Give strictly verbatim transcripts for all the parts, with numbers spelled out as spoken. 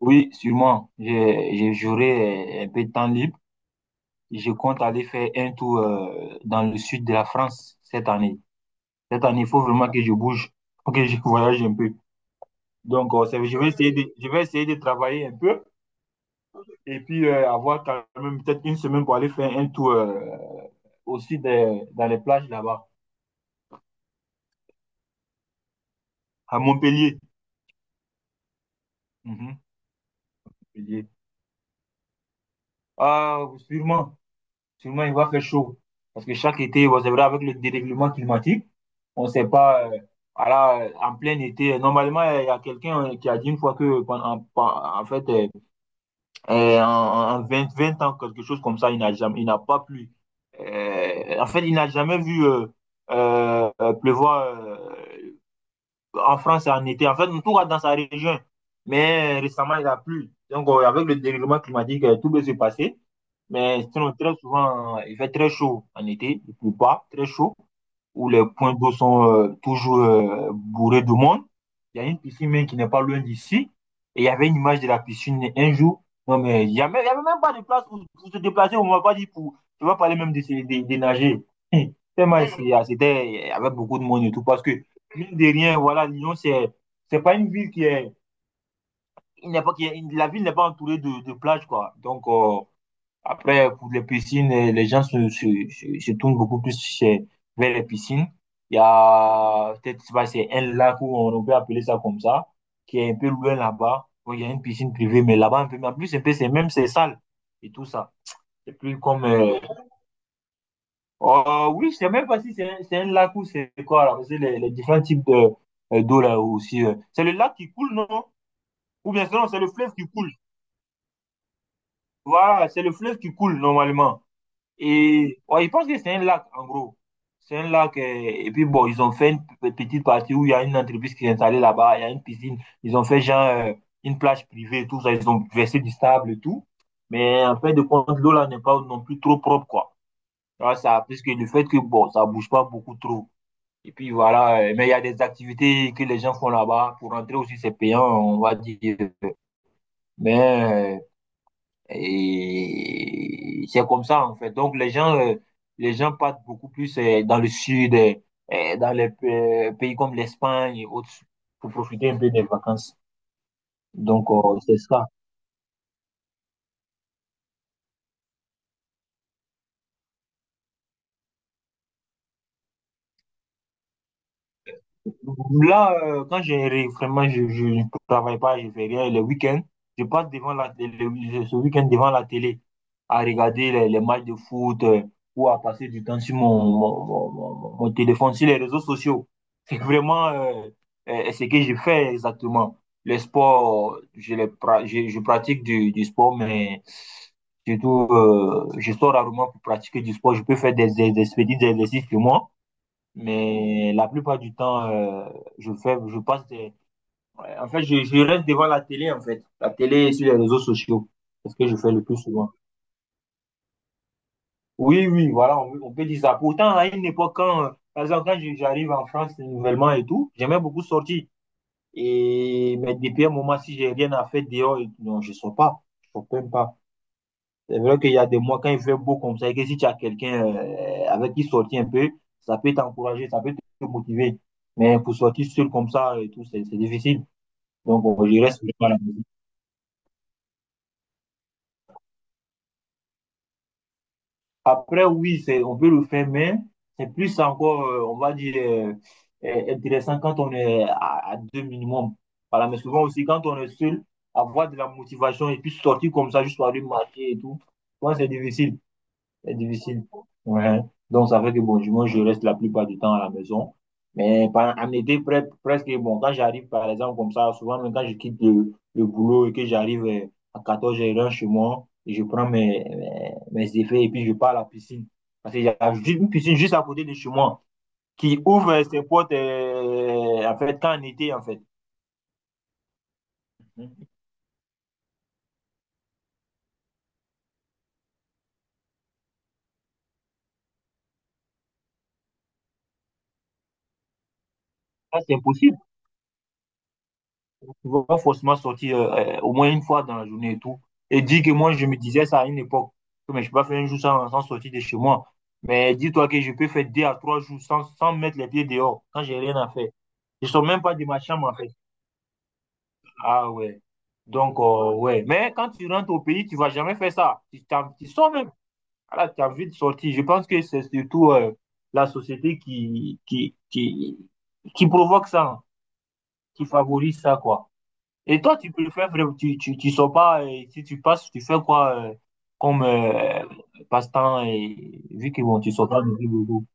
Oui, sûrement. J'ai- j'ai- J'aurai euh, un peu de temps libre. Je compte aller faire un tour euh, dans le sud de la France cette année. Cette année, il faut vraiment que je bouge, faut que je voyage un peu. Donc, euh, c'est- je vais essayer de, je vais essayer de travailler un peu et puis euh, avoir quand même peut-être une semaine pour aller faire un tour euh, aussi des- dans les plages là-bas, à Montpellier. Mhm, Montpellier. Ah, sûrement. Seulement, il va faire chaud. Parce que chaque été, vous savez vrai, avec le dérèglement climatique, on ne sait pas, euh, voilà, euh, en plein été, euh, normalement, euh, il y a quelqu'un euh, qui a dit une fois que, pendant- en, en- en fait, euh, euh, en, en vingt 20 ans, quelque chose comme ça, il n'a jamais, il n'a pas plu. Euh, en fait, il n'a jamais vu euh, euh, euh, pleuvoir. Euh, en France, c'est en été. En fait, tout va dans sa région. Mais récemment, il a plu. Donc, euh, avec le dérèglement climatique, euh, tout peut se passer. Mais sinon, très souvent, euh, il fait très chaud en été. Il ne pleut pas, très chaud où les points d'eau sont euh, toujours euh, bourrés de monde. Il y a une piscine même qui n'est pas loin d'ici. Et il y avait une image de la piscine un jour. Non, mais il n'y avait, il y avait même pas de place pour, pour se déplacer. On ne m'a pas dit pour. Tu vas parler même de, se- de, de nager. Hum, Tellement c'est- ah, c'était, il y avait beaucoup de monde et tout. Parce que, mine de rien, voilà, Lyon, c'est, c'est pas une ville qui est. Il n'est pas, qui est- la ville n'est pas entourée de, de plages, quoi. Donc, euh, après, pour les piscines, euh, les gens se, se, se, se tournent beaucoup plus chez- vers les piscines. Il y a peut-être, je sais pas, c'est un lac où on peut appeler ça comme ça, qui est un peu loin là-bas, où il y a une piscine privée, mais là-bas, un peu, mais en plus, un peu, c'est même, c'est sale et tout ça. C'est plus comme. Euh, oh, oui, je sais même pas si c'est un, c'est un lac ou c'est quoi, là, parce que les, les différents types de, euh, d'eau là aussi. euh. C'est le lac qui coule, non? Ou bien sinon, c'est le fleuve qui coule. Voilà, c'est le fleuve qui coule normalement. Et ouais, je pense que c'est un lac, en gros. C'est un lac. Euh, et puis bon, ils ont fait une p- petite partie où il y a une entreprise qui est installée là-bas. Il y a une piscine. Ils ont fait genre euh, une plage privée et tout ça. Ils ont versé du sable et tout. Mais en fin de compte, l'eau là n'est pas non plus trop propre, quoi. Voilà, ça, parce que le fait que bon, ça bouge pas beaucoup trop. Et puis voilà. Euh, mais il y a des activités que les gens font là-bas. Pour rentrer aussi, c'est payant, on va dire. Mais euh, et c'est comme ça, en fait. Donc, les gens, euh, les gens partent beaucoup plus euh, dans le sud, euh, euh, dans les pa- pays comme l'Espagne et autres, pour profiter un peu des vacances. Donc, euh, c'est ça. Là, euh, quand j'ai vraiment, je, je ne travaille pas, je fais rien. Le week-end, je passe devant la, le- le- ce week-end devant la télé à regarder les, les matchs de foot euh, ou à passer du temps sur mon, mon, mon- mon- mon- téléphone, sur les réseaux sociaux. C'est vraiment euh, euh, ce que je fais exactement. Le sport, je, le pra- je, je pratique du, du sport, mais surtout, euh, je sors rarement pour pratiquer du sport. Je peux faire des, des, des petits exercices chez moi mais la plupart du temps, euh, je fais, je passe des- ouais, en fait, je, je reste devant la télé, en fait. La télé et sur les réseaux sociaux. C'est ce que je fais le plus souvent. Oui, oui, voilà, on, on peut dire ça. Pourtant, à une époque, quand, euh, par exemple, quand je- j'arrive en France nouvellement et tout, j'aimais beaucoup sortir. Et, mais depuis un moment, si j'ai rien à faire dehors, et tout, non, je sors pas. Je sors même pas. C'est vrai qu'il y a des mois, quand il fait beau comme ça, et que si tu as quelqu'un euh, avec qui sortir un peu, ça peut t'encourager, ça peut te motiver. Mais pour sortir seul comme ça et tout, c'est c'est difficile. Donc, euh, je reste vraiment à la maison. Après, oui, c'est, on peut le faire, mais c'est plus encore, euh, on va dire, euh, euh, intéressant quand on est à, à deux minimum. Voilà, mais souvent aussi, quand on est seul, avoir de la motivation et puis sortir comme ça, juste pour aller marcher et tout, je pense que c'est difficile. C'est difficile. Ouais. Donc, ça fait que bon, du moins, je reste la plupart du temps à la maison. Mais par- en été, pre- presque, bon, quand j'arrive, par exemple, comme ça, souvent, même quand je quitte le, le boulot et que j'arrive euh, à quatorze heures h chez moi, et je prends mes, mes, mes effets et puis je pars à la piscine. Parce qu'il y a ju- une piscine juste à côté de chez moi qui ouvre euh, ses portes, euh, en fait, quand en été, en fait. Ça, c'est impossible. Tu vas forcément sortir euh, euh, au moins une fois dans la journée et tout. Et dis que moi, je me disais ça à une époque, que mais je ne peux pas faire un jour sans, sans sortir de chez moi. Mais dis-toi que je peux faire deux à trois jours sans, sans mettre les pieds dehors, quand j'ai rien à faire. Je sors même pas de ma chambre, en fait. Ah ouais. Donc, euh, ouais. Mais quand tu rentres au pays, tu vas jamais faire ça. Tu, t'en- tu sors même. Voilà, tu as envie de sortir. Je pense que c'est surtout euh, la société qui, qui, qui, qui provoque ça, hein, qui favorise ça, quoi. Et toi, tu peux le faire, frère, tu, tu, tu sors pas, et si tu passes, tu fais quoi euh, comme euh, passe-temps, et vu que bon, tu sors pas de plus beaucoup.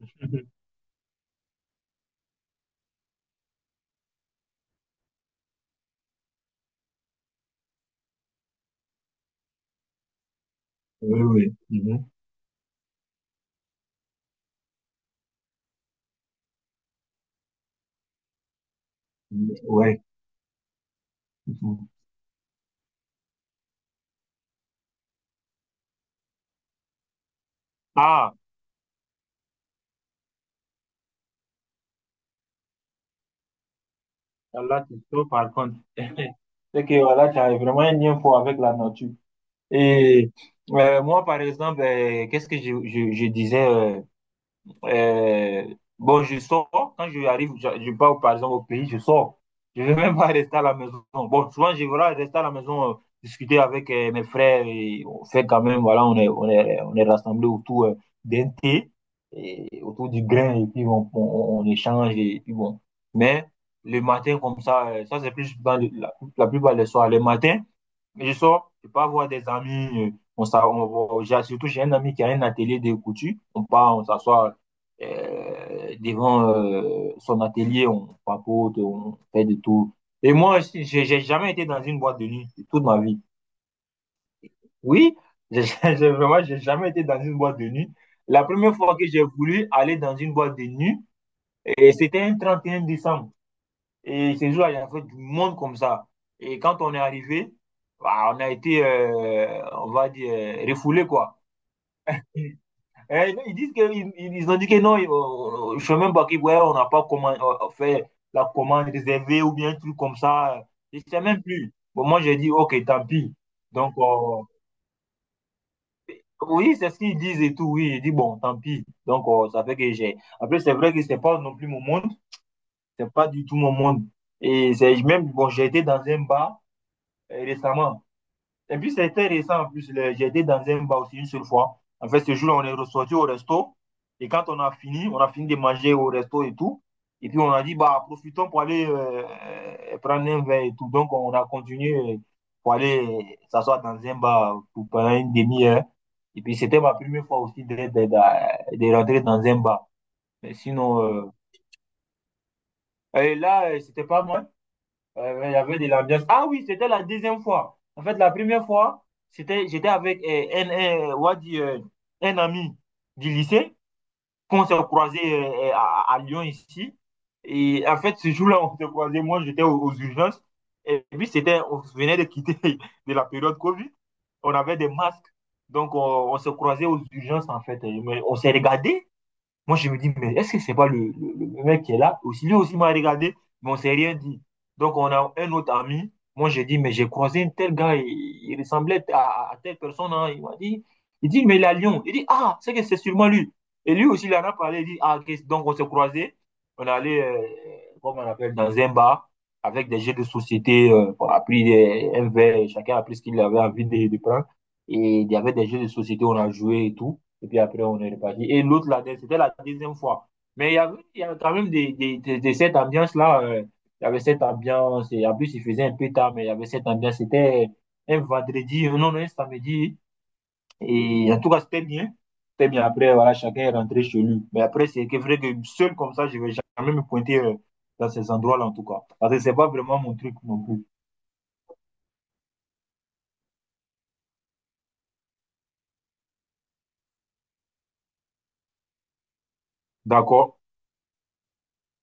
Oui, oui. Mhm. Mhm. Ouais. Mhm. Ah, là, tu sors par contre. C'est que voilà, tu as vraiment un lien fort avec la nature. Et euh, moi, par exemple, euh, qu'est-ce que je, je, je disais? euh, Euh, bon, je sors. Quand je arrive, je, je pars par exemple au pays, je sors. Je ne vais même pas rester à la maison. Bon, souvent, je vais rester à la maison, euh, discuter avec euh, mes frères. Et on fait quand même, voilà, on est, on est, on est rassemblés autour euh, d'un thé, et autour du grain, et puis on, on- on échange, et puis bon. Mais le matin, comme ça, euh, ça c'est plus dans le- la, la plupart des soirs. Le matin, mais je sors, je pars voir des amis. euh, On, s'a- on- on- j'ai- surtout, j'ai un ami qui a un atelier de couture. On part, on s'assoit euh, devant euh, son atelier, on papote, on fait de tout. Et moi, je- j'ai j'ai jamais été dans une boîte de nuit de toute ma vie. Oui, j'ai j'ai- j'ai- vraiment, j'ai jamais été dans une boîte de nuit. La première fois que j'ai voulu aller dans une boîte de nuit, et c'était un trente et un décembre. Et ces jours-là, il y avait du monde comme ça. Et quand on est arrivé, bah, on a été, euh, on va dire, euh, refoulé, quoi. Et ils disent que, ils, ils ont dit que non, euh, je sais même pas qui, ouais, on n'a pas comment euh, fait la commande réservée ou bien un truc comme ça. Je sais même plus. Bon, moi, j'ai dit, ok, tant pis. Donc, euh, oui, c'est ce qu'ils disent et tout. Oui, j'ai dit, bon, tant pis. Donc, euh, ça fait que j'ai. Après, c'est vrai que c'est pas non plus mon monde. C'est pas du tout mon monde. Et c'est même, bon, j'ai été dans un bar euh, récemment. Et puis, c'était récent. En plus, le- j'ai été dans un bar aussi une seule fois. En fait, ce jour-là, on est ressorti au resto. Et quand on a fini, on a fini de manger au resto et tout. Et puis, on a dit, bah, profitons pour aller euh, prendre un verre et tout. Donc, on a continué euh, pour aller euh, s'asseoir dans un bar pour pendant une demi-heure. Et puis, c'était ma première fois aussi de, de, de- de rentrer dans un bar. Mais sinon, euh, et là, euh, c'était pas mal. Ouais, ouais, il y avait de l'ambiance. Ah oui, c'était la deuxième fois. En fait, la première fois, c'était, j'étais avec euh, un, un- euh, on va dire, euh, un ami du lycée qu'on s'est croisé euh, euh, à, à Lyon ici. Et en fait, ce jour-là, on s'est croisé. Moi, j'étais aux, aux urgences. Et puis, c'était, on venait de quitter de la période Covid. On avait des masques. Donc, on, on s'est croisé aux urgences, en fait. Mais on s'est regardé. Moi, je me dis, mais est-ce que c'est pas le, le- le mec qui est là? Aussi, lui aussi m'a regardé, mais on s'est rien dit. Donc, on a un autre ami. Moi, j'ai dit, mais j'ai croisé un tel gars, il, il ressemblait à, à telle personne, hein. Il m'a dit, il dit, mais il est à Lyon. Il dit, ah, c'est que c'est sûrement lui. Et lui aussi, il en a parlé. Il dit, ah, ok, donc on s'est croisés. On est allé, euh, comme on appelle, dans un bar avec des jeux de société. Euh, on a pris des- un verre, chacun a pris ce qu'il avait envie de, de prendre. Et il y avait des jeux de société, on a joué et tout. Et puis après, on est reparti. Et l'autre, là, c'était la deuxième fois. Mais il y avait, il y avait quand même des, des, des- des- cette ambiance-là. Euh, il y avait cette ambiance. Et en plus, il faisait un peu tard, mais il y avait cette ambiance. C'était un vendredi, euh, non, non, un samedi. Et en tout cas, c'était bien. C'était bien. Après, voilà, chacun est rentré chez lui. Mais après, c'est que vrai que seul comme ça, je vais jamais me pointer euh, dans ces endroits-là, en tout cas. Parce que c'est pas vraiment mon truc non plus. D'accord?